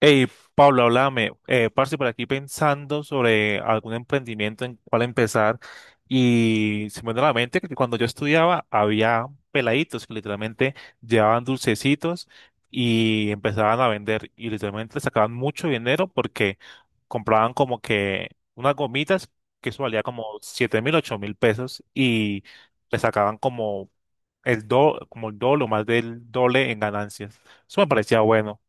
Hey, Pablo, háblame. Parce, por aquí pensando sobre algún emprendimiento en cuál empezar. Y se me vino a la mente que cuando yo estudiaba había peladitos que literalmente llevaban dulcecitos y empezaban a vender. Y literalmente sacaban mucho dinero porque compraban como que unas gomitas que eso valía como 7.000, 8.000 pesos y le sacaban como como el doble o más del doble en ganancias. Eso me parecía bueno.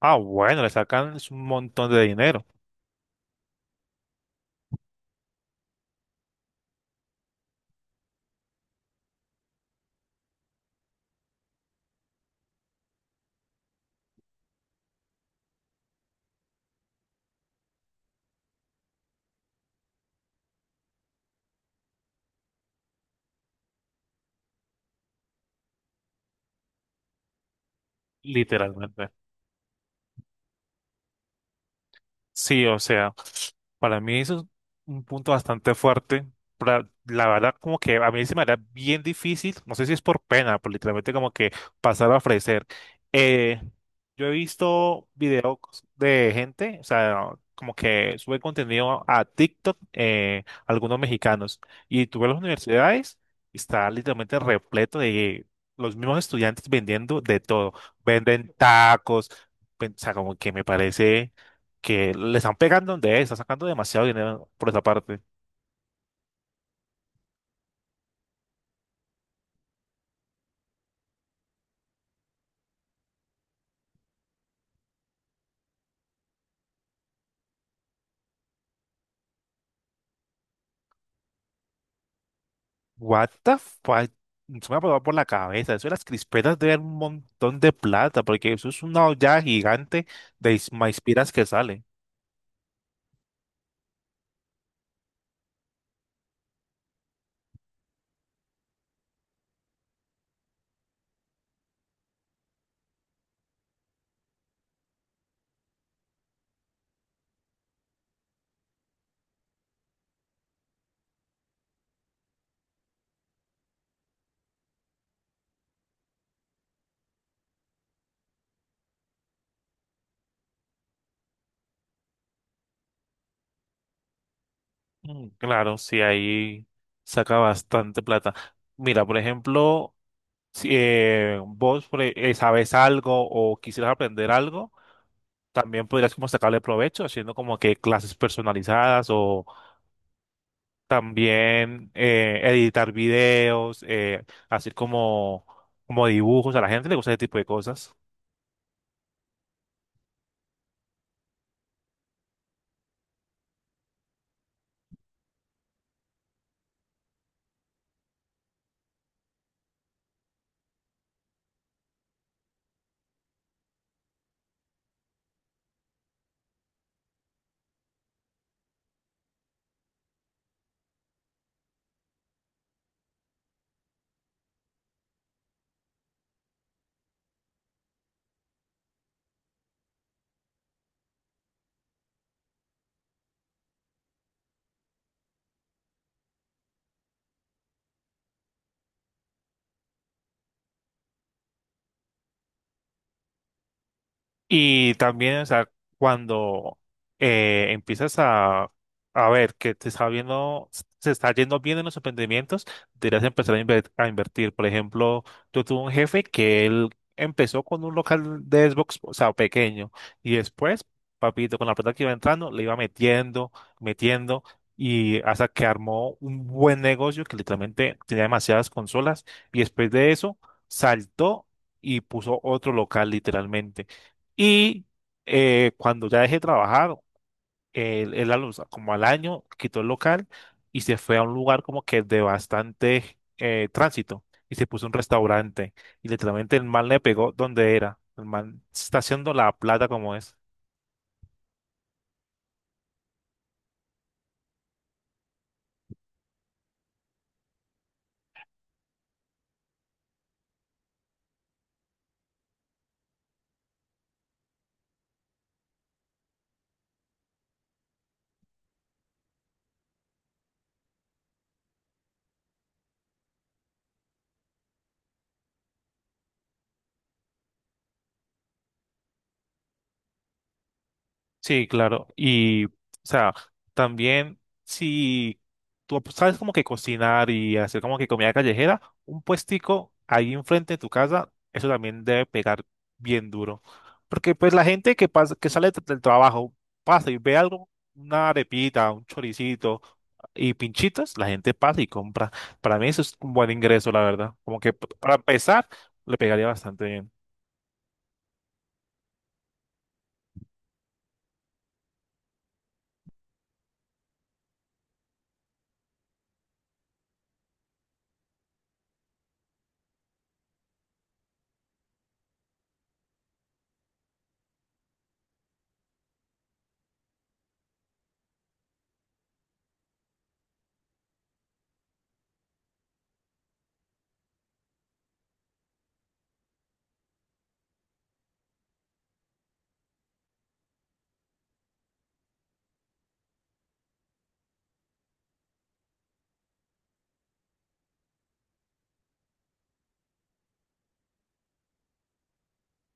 Ah, bueno, le sacan un montón de dinero, literalmente. Sí, o sea, para mí eso es un punto bastante fuerte. La verdad, como que a mí se me hará bien difícil, no sé si es por pena, por literalmente como que pasar a ofrecer. Eh, yo he visto videos de gente, o sea, como que sube contenido a TikTok, algunos mexicanos, y tú ves las universidades, está literalmente repleto de los mismos estudiantes vendiendo de todo. Venden tacos, o sea, como que me parece que le están pegando donde es, están sacando demasiado dinero por esa parte. What the fuck? Se me ha pasado por la cabeza. Eso de las crispetas deben un montón de plata, porque eso es una olla gigante de maispiras que sale. Mm, claro, sí, ahí saca bastante plata. Mira, por ejemplo, si vos sabes algo o quisieras aprender algo, también podrías como sacarle provecho haciendo como que clases personalizadas o también editar videos, hacer como, como dibujos. A la gente le gusta ese tipo de cosas. Y también, o sea, cuando empiezas a ver que te está viendo, se está yendo bien en los emprendimientos, deberías empezar a, a invertir. Por ejemplo, yo tuve un jefe que él empezó con un local de Xbox, o sea, pequeño, y después, papito, con la plata que iba entrando, le iba metiendo, metiendo, y hasta que armó un buen negocio que literalmente tenía demasiadas consolas, y después de eso, saltó y puso otro local literalmente. Y cuando ya dejé de trabajar, él como al año quitó el local y se fue a un lugar como que de bastante tránsito y se puso un restaurante. Y literalmente el man le pegó donde era. El man se está haciendo la plata como es. Sí, claro. Y, o sea, también si tú sabes como que cocinar y hacer como que comida callejera, un puestico ahí enfrente de tu casa, eso también debe pegar bien duro. Porque pues la gente que pasa, que sale del trabajo, pasa y ve algo, una arepita, un choricito y pinchitos, la gente pasa y compra. Para mí eso es un buen ingreso, la verdad. Como que para empezar, le pegaría bastante bien.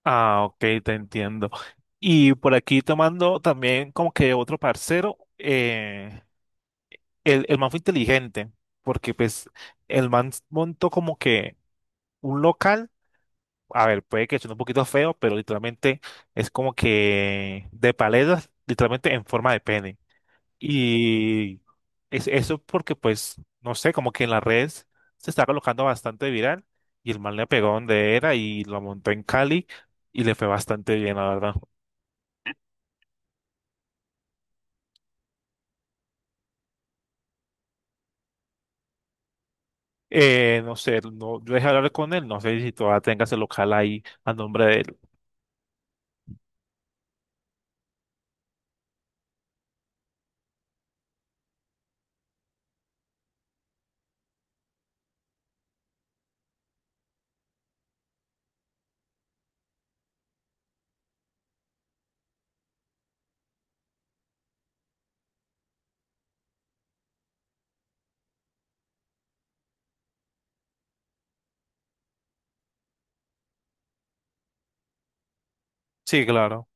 Ah, ok, te entiendo. Y por aquí tomando también como que otro parcero, el man fue inteligente, porque pues el man montó como que un local, a ver, puede que suene un poquito feo, pero literalmente es como que de paletas, literalmente en forma de pene. Y es eso porque pues, no sé, como que en las redes se está colocando bastante viral y el man le pegó donde era y lo montó en Cali y le fue bastante bien, la verdad. No sé, no, yo dejé hablar con él, no sé si todavía tenga ese local ahí a nombre de él. Sí, claro,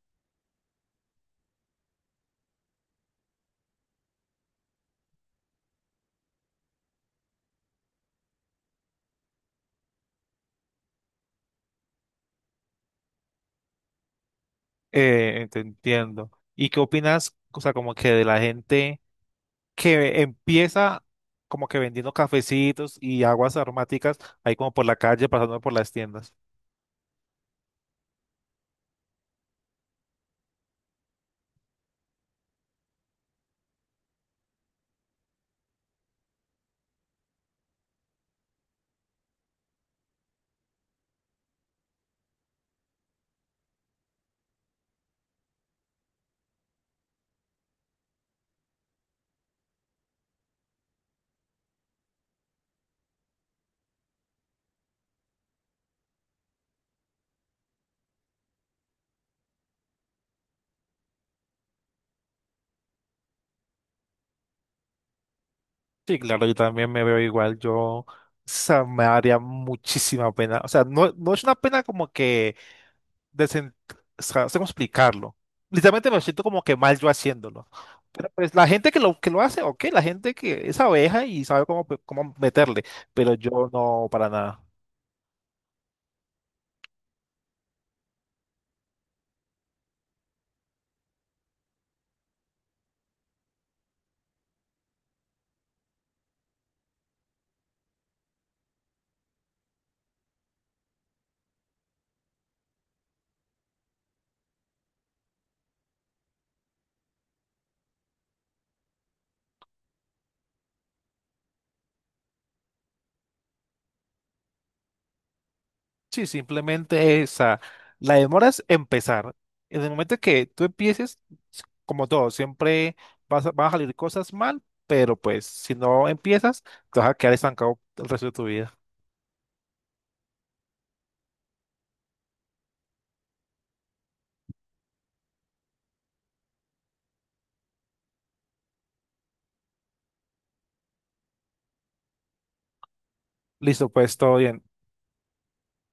te entiendo. ¿Y qué opinas, o sea, como que de la gente que empieza como que vendiendo cafecitos y aguas aromáticas ahí como por la calle, pasando por las tiendas? Sí, claro, yo también me veo igual, yo, o sea, me daría muchísima pena, o sea, no, no es una pena como que, de sen- o sea, no sé cómo explicarlo, literalmente me siento como que mal yo haciéndolo, pero pues la gente que lo hace, ok, la gente que es abeja y sabe cómo, cómo meterle, pero yo no, para nada. Sí, simplemente esa. La demora es empezar. En el momento que tú empieces, como todo, siempre vas a, van a salir cosas mal, pero pues si no empiezas, te vas a quedar estancado el resto de tu vida. Listo, pues todo bien.